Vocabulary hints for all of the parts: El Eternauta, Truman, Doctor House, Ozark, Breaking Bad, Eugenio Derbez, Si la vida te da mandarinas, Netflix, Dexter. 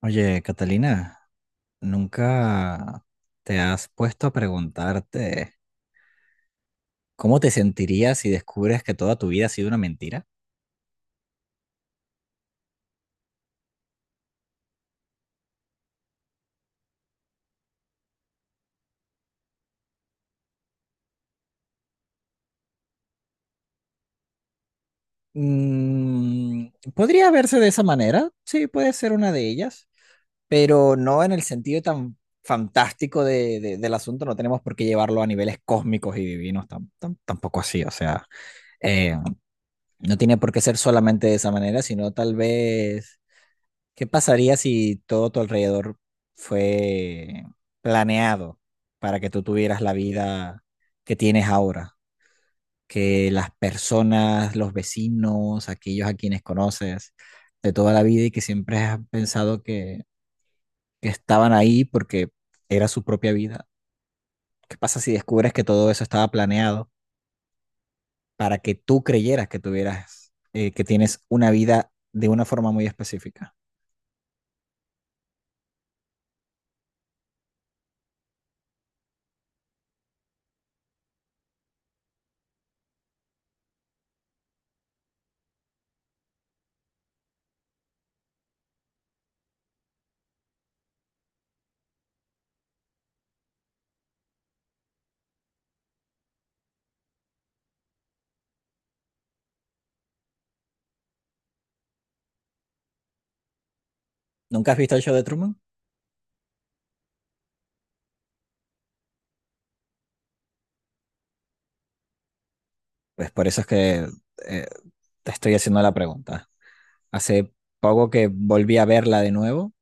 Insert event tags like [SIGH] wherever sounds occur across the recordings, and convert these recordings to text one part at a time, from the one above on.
Oye, Catalina, ¿nunca te has puesto a preguntarte cómo te sentirías si descubres que toda tu vida ha sido una mentira? Mm, podría verse de esa manera, sí, puede ser una de ellas, pero no en el sentido tan fantástico del asunto. No tenemos por qué llevarlo a niveles cósmicos y divinos, tampoco así, o sea, eh, no tiene por qué ser solamente de esa manera, sino tal vez. ¿Qué pasaría si todo tu alrededor fue planeado para que tú tuvieras la vida que tienes ahora? Que las personas, los vecinos, aquellos a quienes conoces de toda la vida y que siempre has pensado que estaban ahí porque era su propia vida. ¿Qué pasa si descubres que todo eso estaba planeado para que tú creyeras que tuvieras, que tienes una vida de una forma muy específica? ¿Nunca has visto el show de Truman? Pues por eso es que eh, te estoy haciendo la pregunta. Hace poco que volví a verla de nuevo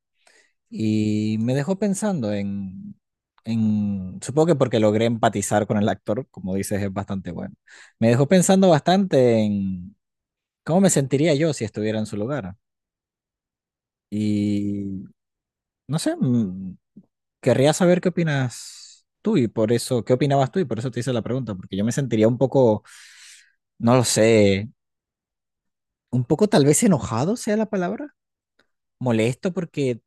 y me dejó pensando en supongo que porque logré empatizar con el actor, como dices, es bastante bueno. Me dejó pensando bastante en cómo me sentiría yo si estuviera en su lugar. Y no sé, mm, querría saber qué opinas tú y por eso, qué opinabas tú y por eso te hice la pregunta, porque yo me sentiría un poco, no lo sé, un poco tal vez enojado sea la palabra, molesto, porque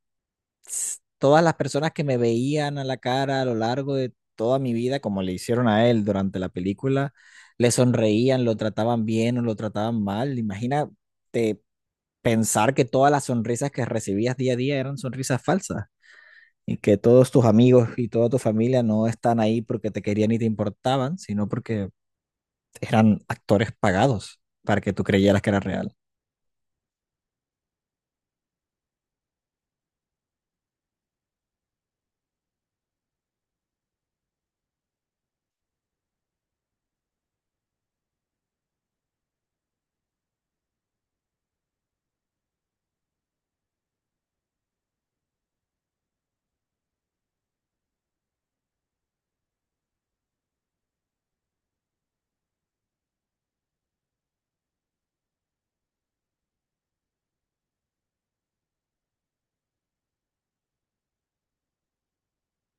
todas las personas que me veían a la cara a lo largo de toda mi vida, como le hicieron a él durante la película, le sonreían, lo trataban bien o lo trataban mal. Imagínate pensar que todas las sonrisas que recibías día a día eran sonrisas falsas y que todos tus amigos y toda tu familia no están ahí porque te querían y te importaban, sino porque eran actores pagados para que tú creyeras que era real.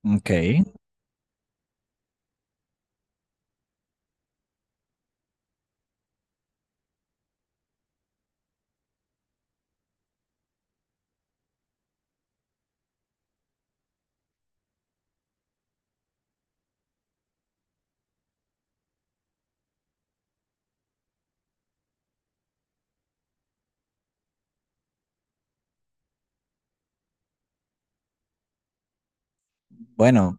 Ok, bueno.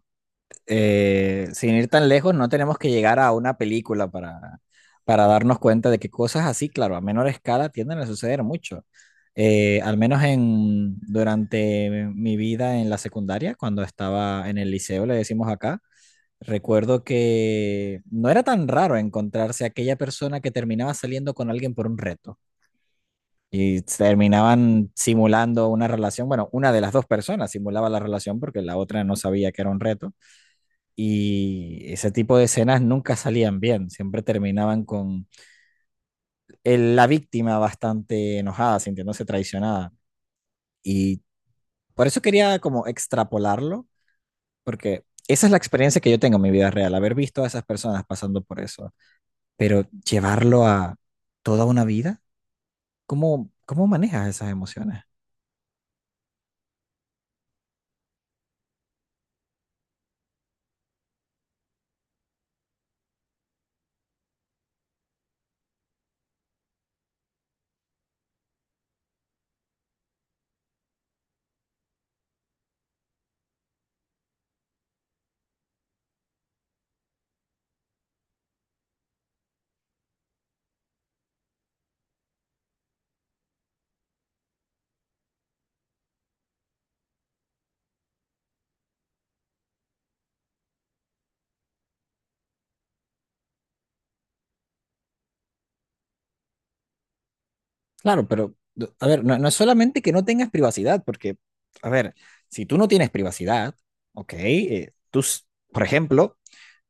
Sin ir tan lejos, no tenemos que llegar a una película para darnos cuenta de que cosas así, claro, a menor escala tienden a suceder mucho. Al menos en, durante mi vida en la secundaria, cuando estaba en el liceo, le decimos acá, recuerdo que no era tan raro encontrarse aquella persona que terminaba saliendo con alguien por un reto y terminaban simulando una relación, bueno, una de las dos personas simulaba la relación porque la otra no sabía que era un reto, y ese tipo de escenas nunca salían bien, siempre terminaban con la víctima bastante enojada, sintiéndose traicionada. Y por eso quería como extrapolarlo, porque esa es la experiencia que yo tengo en mi vida real, haber visto a esas personas pasando por eso, pero llevarlo a toda una vida. ¿Cómo, cómo manejas esas emociones? Claro, pero, a ver, no, no es solamente que no tengas privacidad, porque, a ver, si tú no tienes privacidad, ok, tú, por ejemplo,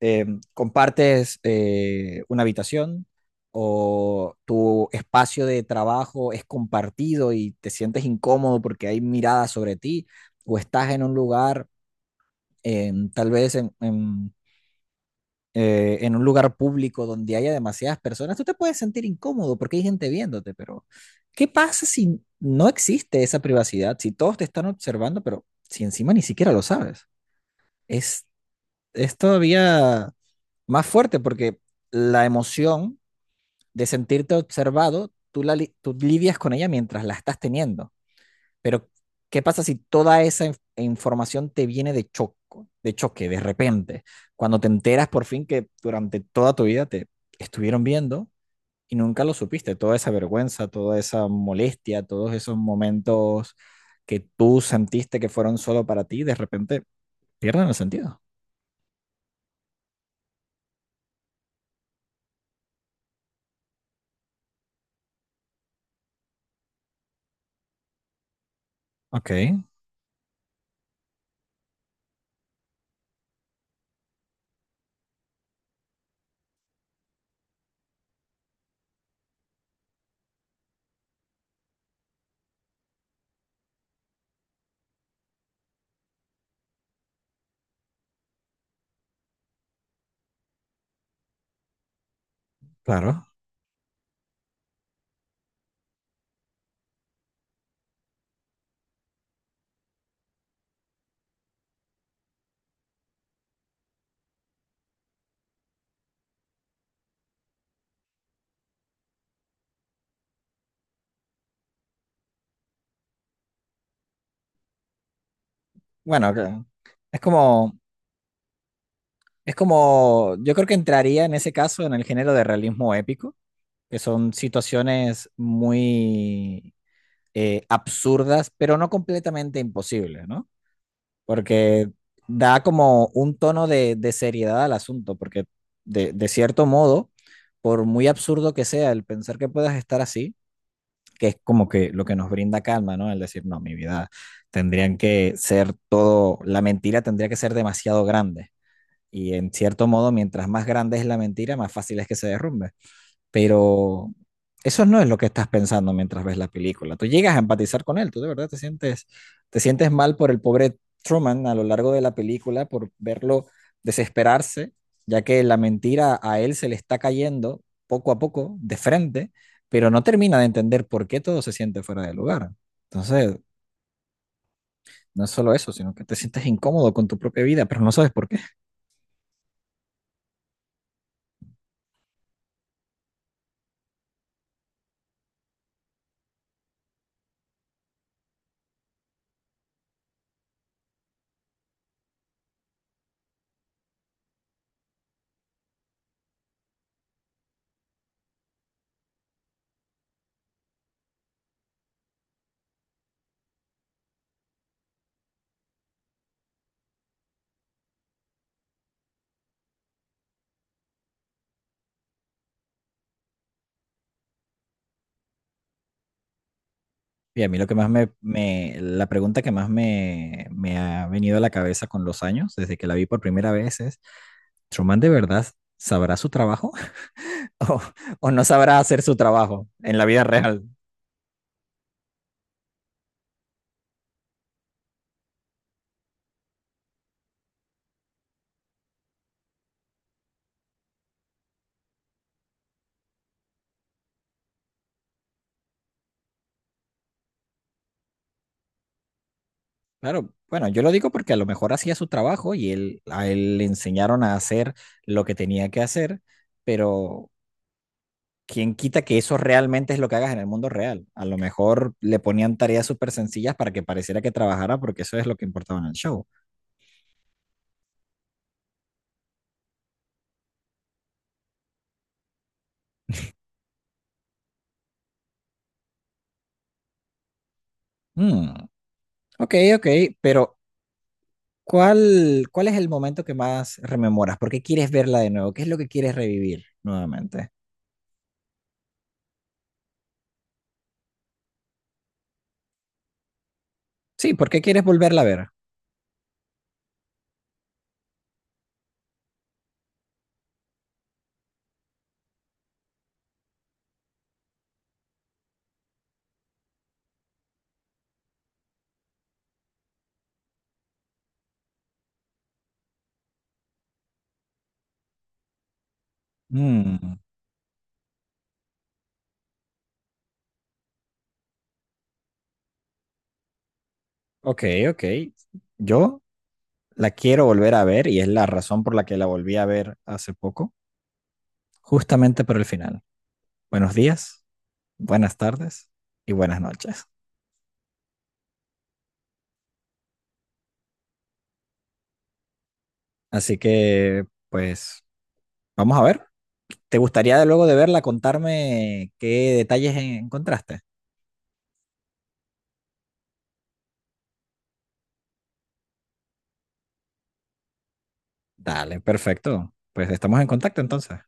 eh, compartes una habitación o tu espacio de trabajo es compartido y te sientes incómodo porque hay miradas sobre ti, o estás en un lugar, tal vez en un lugar público donde haya demasiadas personas, tú te puedes sentir incómodo porque hay gente viéndote, pero ¿qué pasa si no existe esa privacidad? Si todos te están observando, pero si encima ni siquiera lo sabes. Es, es todavía más fuerte porque la emoción de sentirte observado, tú, tú lidias con ella mientras la estás teniendo. Pero ¿qué pasa si toda esa información te viene de choco, de choque, de repente? Cuando te enteras por fin que durante toda tu vida te estuvieron viendo y nunca lo supiste, toda esa vergüenza, toda esa molestia, todos esos momentos que tú sentiste que fueron solo para ti, de repente pierden el sentido. Ok, claro. Bueno, ok. Es como, es como, yo creo que entraría en ese caso en el género de realismo épico, que son situaciones muy absurdas, pero no completamente imposibles, ¿no? Porque da como un tono de seriedad al asunto, porque de cierto modo, por muy absurdo que sea el pensar que puedas estar así, que es como que lo que nos brinda calma, ¿no? El decir, no, mi vida tendrían que ser todo, la mentira tendría que ser demasiado grande. Y en cierto modo, mientras más grande es la mentira, más fácil es que se derrumbe. Pero eso no es lo que estás pensando mientras ves la película. Tú llegas a empatizar con él, tú de verdad te sientes mal por el pobre Truman a lo largo de la película, por verlo desesperarse, ya que la mentira a él se le está cayendo poco a poco, de frente, pero no termina de entender por qué todo se siente fuera de lugar. Entonces, no es solo eso, sino que te sientes incómodo con tu propia vida, pero no sabes por qué. Y a mí lo que más la pregunta que más me ha venido a la cabeza con los años, desde que la vi por primera vez, es, ¿Truman de verdad sabrá su trabajo [LAUGHS] o, o no sabrá hacer su trabajo en la vida real? Claro, bueno, yo lo digo porque a lo mejor hacía su trabajo y él, a él le enseñaron a hacer lo que tenía que hacer, pero ¿quién quita que eso realmente es lo que hagas en el mundo real? A lo mejor le ponían tareas súper sencillas para que pareciera que trabajara porque eso es lo que importaba en el show. Hmm. Ok, ok, pero ¿cuál, cuál es el momento que más rememoras? ¿Por qué quieres verla de nuevo? ¿Qué es lo que quieres revivir nuevamente? Sí, ¿por qué quieres volverla a ver? Mm, ok, ok. Yo la quiero volver a ver y es la razón por la que la volví a ver hace poco, justamente por el final. Buenos días, buenas tardes y buenas noches. Así que, pues, vamos a ver. ¿Te gustaría luego de verla contarme qué detalles encontraste? Dale, perfecto. Pues estamos en contacto entonces.